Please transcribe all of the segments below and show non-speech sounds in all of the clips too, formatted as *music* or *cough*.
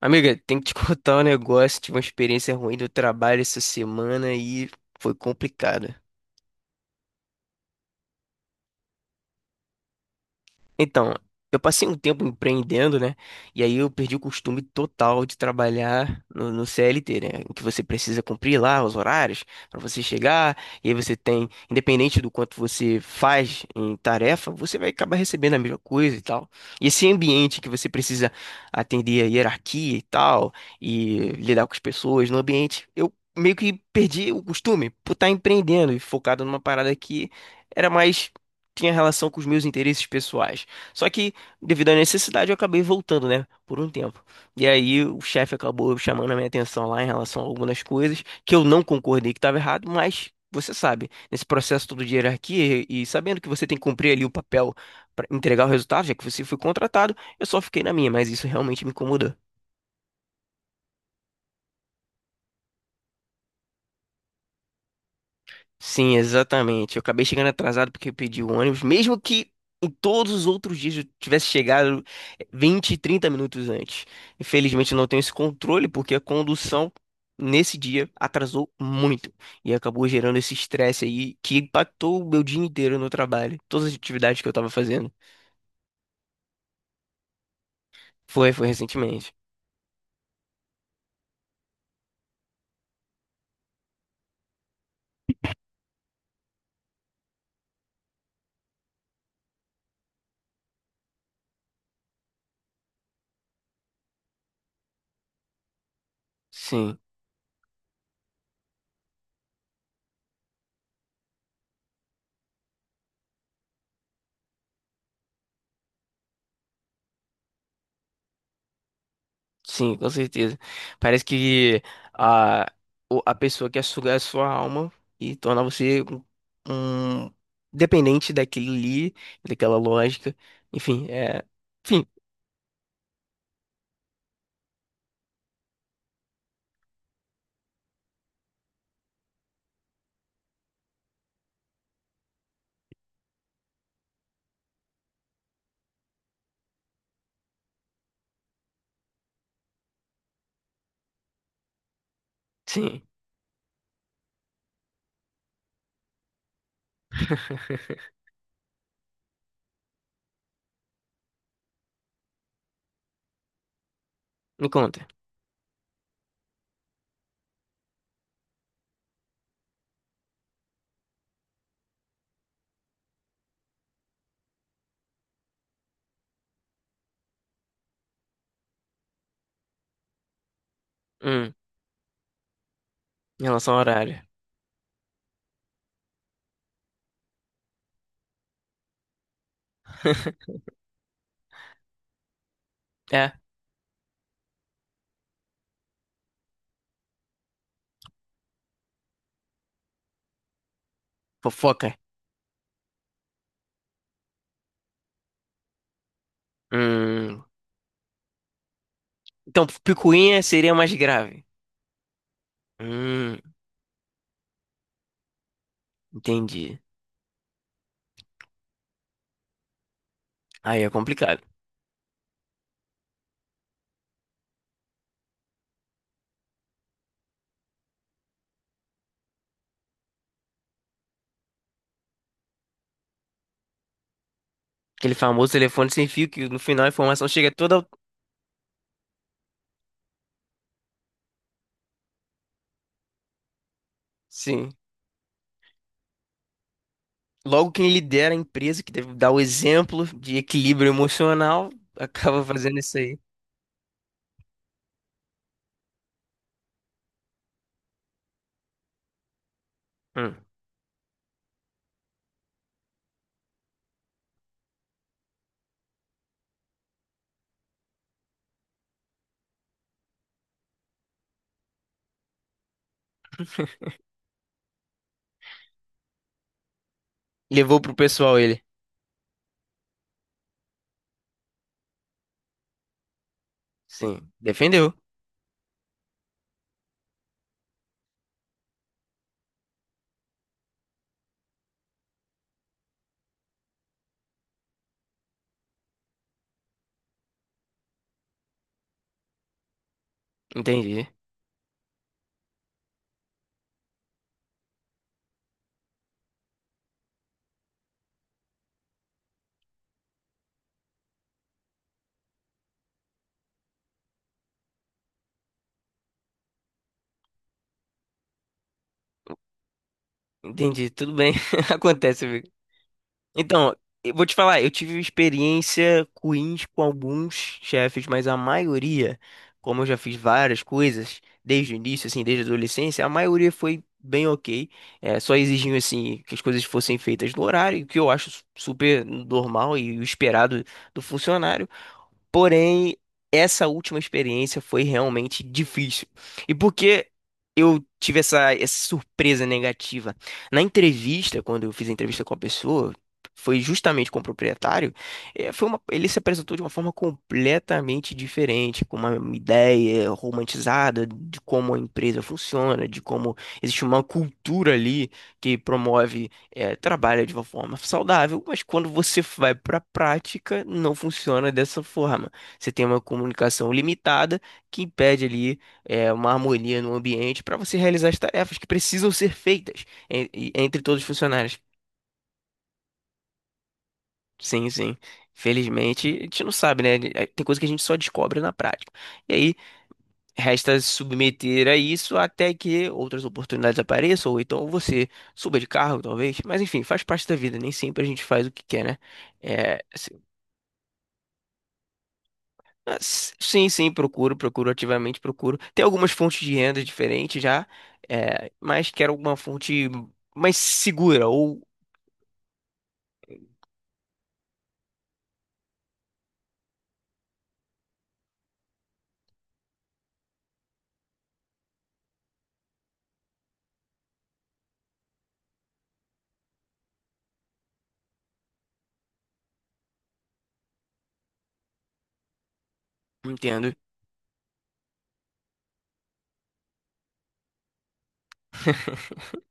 Amiga, tem que te *laughs* contar um negócio. Tive uma experiência ruim do trabalho essa semana e foi complicado. Então, eu passei um tempo empreendendo, né? E aí eu perdi o costume total de trabalhar no CLT, né? Em que você precisa cumprir lá os horários para você chegar, e aí você tem, independente do quanto você faz em tarefa, você vai acabar recebendo a mesma coisa e tal. E esse ambiente que você precisa atender a hierarquia e tal, e lidar com as pessoas no ambiente, eu meio que perdi o costume por estar empreendendo e focado numa parada que era mais tinha relação com os meus interesses pessoais. Só que, devido à necessidade, eu acabei voltando, né? Por um tempo. E aí o chefe acabou chamando a minha atenção lá em relação a algumas coisas que eu não concordei que estava errado, mas você sabe, nesse processo todo de hierarquia e sabendo que você tem que cumprir ali o papel para entregar o resultado, já que você foi contratado, eu só fiquei na minha, mas isso realmente me incomodou. Sim, exatamente. Eu acabei chegando atrasado porque eu pedi o ônibus, mesmo que em todos os outros dias eu tivesse chegado 20, 30 minutos antes. Infelizmente eu não tenho esse controle porque a condução nesse dia atrasou muito e acabou gerando esse estresse aí que impactou o meu dia inteiro no trabalho, todas as atividades que eu tava fazendo. Foi recentemente. Sim. Sim, com certeza. Parece que a, a pessoa quer sugar a sua alma e tornar você um dependente daquilo ali, daquela lógica. Enfim, é. Enfim, sim. *laughs* Me conta. Hum, Em relação ao horário. É, fofoca. Hum, então, picuinha seria mais grave. Hum, entendi. Aí é complicado. Aquele famoso telefone sem fio que no final a informação chega toda. Sim. Logo, quem lidera a empresa, que deve dar o exemplo de equilíbrio emocional, acaba fazendo isso aí. Hum. Levou pro pessoal ele. Sim. Defendeu. Entendi. Entendi, tudo bem. *laughs* Acontece, amigo. Então, eu vou te falar, eu tive experiência ruins com alguns chefes, mas a maioria, como eu já fiz várias coisas desde o início, assim, desde a adolescência, a maioria foi bem ok. É, só exigiam, assim, que as coisas fossem feitas no horário, o que eu acho super normal e o esperado do funcionário. Porém, essa última experiência foi realmente difícil. E por que eu tive essa surpresa negativa? Na entrevista, quando eu fiz a entrevista com a pessoa, foi justamente com o proprietário, ele se apresentou de uma forma completamente diferente, com uma ideia romantizada de como a empresa funciona, de como existe uma cultura ali que promove trabalha de uma forma saudável, mas quando você vai para a prática, não funciona dessa forma. Você tem uma comunicação limitada que impede ali uma harmonia no ambiente para você realizar as tarefas que precisam ser feitas entre todos os funcionários. Sim, sim. Felizmente, a gente não sabe, né? É, tem coisa que a gente só descobre na prática. E aí, resta se submeter a isso até que outras oportunidades apareçam, ou então você suba de cargo, talvez. Mas enfim, faz parte da vida, nem sempre a gente faz o que quer, né? É, assim, mas, sim, sim, procuro, ativamente, procuro. Tem algumas fontes de renda diferentes já, mas quero alguma fonte mais segura, ou entendo. *laughs*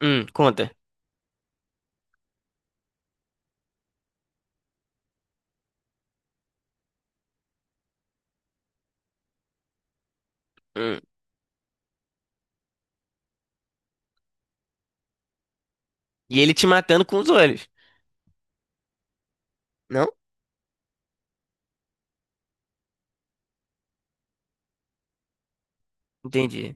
Conta. Hum. E ele te matando com os olhos. Não? Entendi.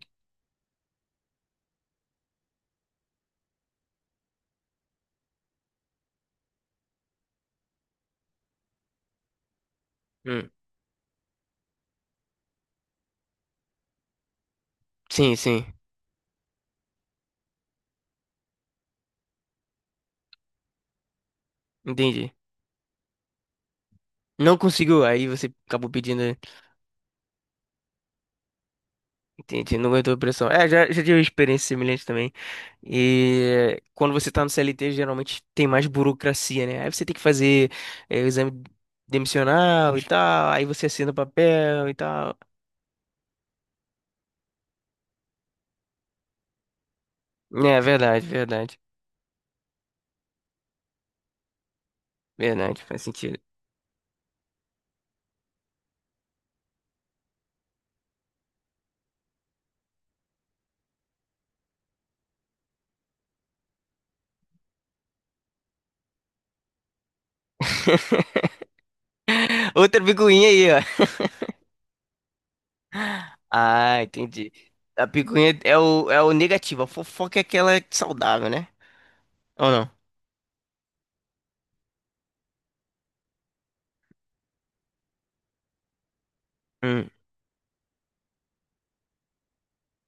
Hum. Sim, sim. Entendi. Não conseguiu, aí você acabou pedindo. Entendi, não aguentou a pressão. É, já tive uma experiência semelhante também. E quando você tá no CLT, geralmente tem mais burocracia, né? Aí você tem que fazer o exame demissional e tal, aí você assina o papel e tal. É, verdade, verdade, verdade, faz sentido. *laughs* Outra picuinha aí, ó. Ah, entendi. A picuinha é o negativo, a fofoca é aquela saudável, né? Ou não? Hum,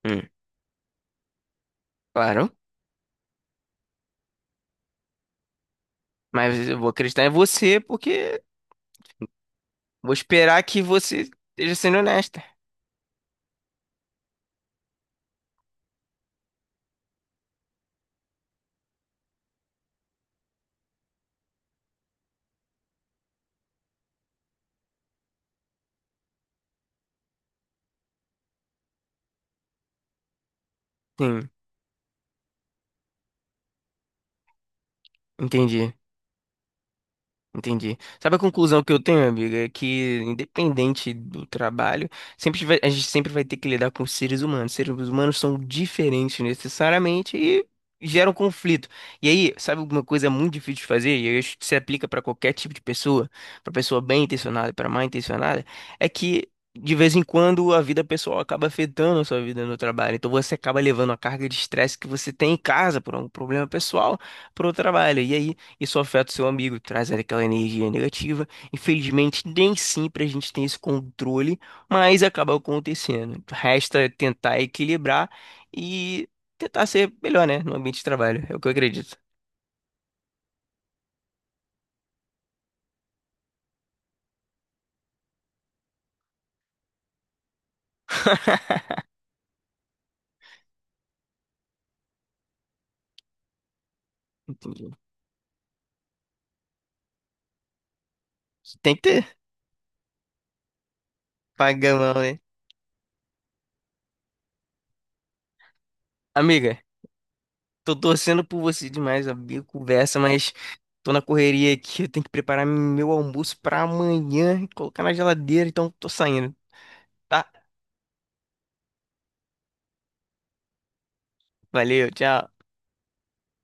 hum, claro. Mas eu vou acreditar em você porque vou esperar que você esteja sendo honesta. Sim, entendi. Entendi. Sabe a conclusão que eu tenho, amiga? É que, independente do trabalho, a gente sempre vai ter que lidar com seres humanos. Seres humanos são diferentes necessariamente e geram conflito. E aí, sabe alguma coisa muito difícil de fazer? E eu acho que se aplica para qualquer tipo de pessoa, para pessoa bem intencionada e para mal intencionada, é que de vez em quando a vida pessoal acaba afetando a sua vida no trabalho. Então você acaba levando a carga de estresse que você tem em casa por um problema pessoal para o trabalho. E aí isso afeta o seu amigo, traz ali aquela energia negativa. Infelizmente, nem sempre a gente tem esse controle, mas acaba acontecendo. Resta tentar equilibrar e tentar ser melhor, né, no ambiente de trabalho. É o que eu acredito. Entendi. Tem que ter pagamão, né? Amiga, tô torcendo por você demais, amigo. Conversa, mas tô na correria aqui. Eu tenho que preparar meu almoço pra amanhã e colocar na geladeira, então tô saindo, tá? Valeu, tchau.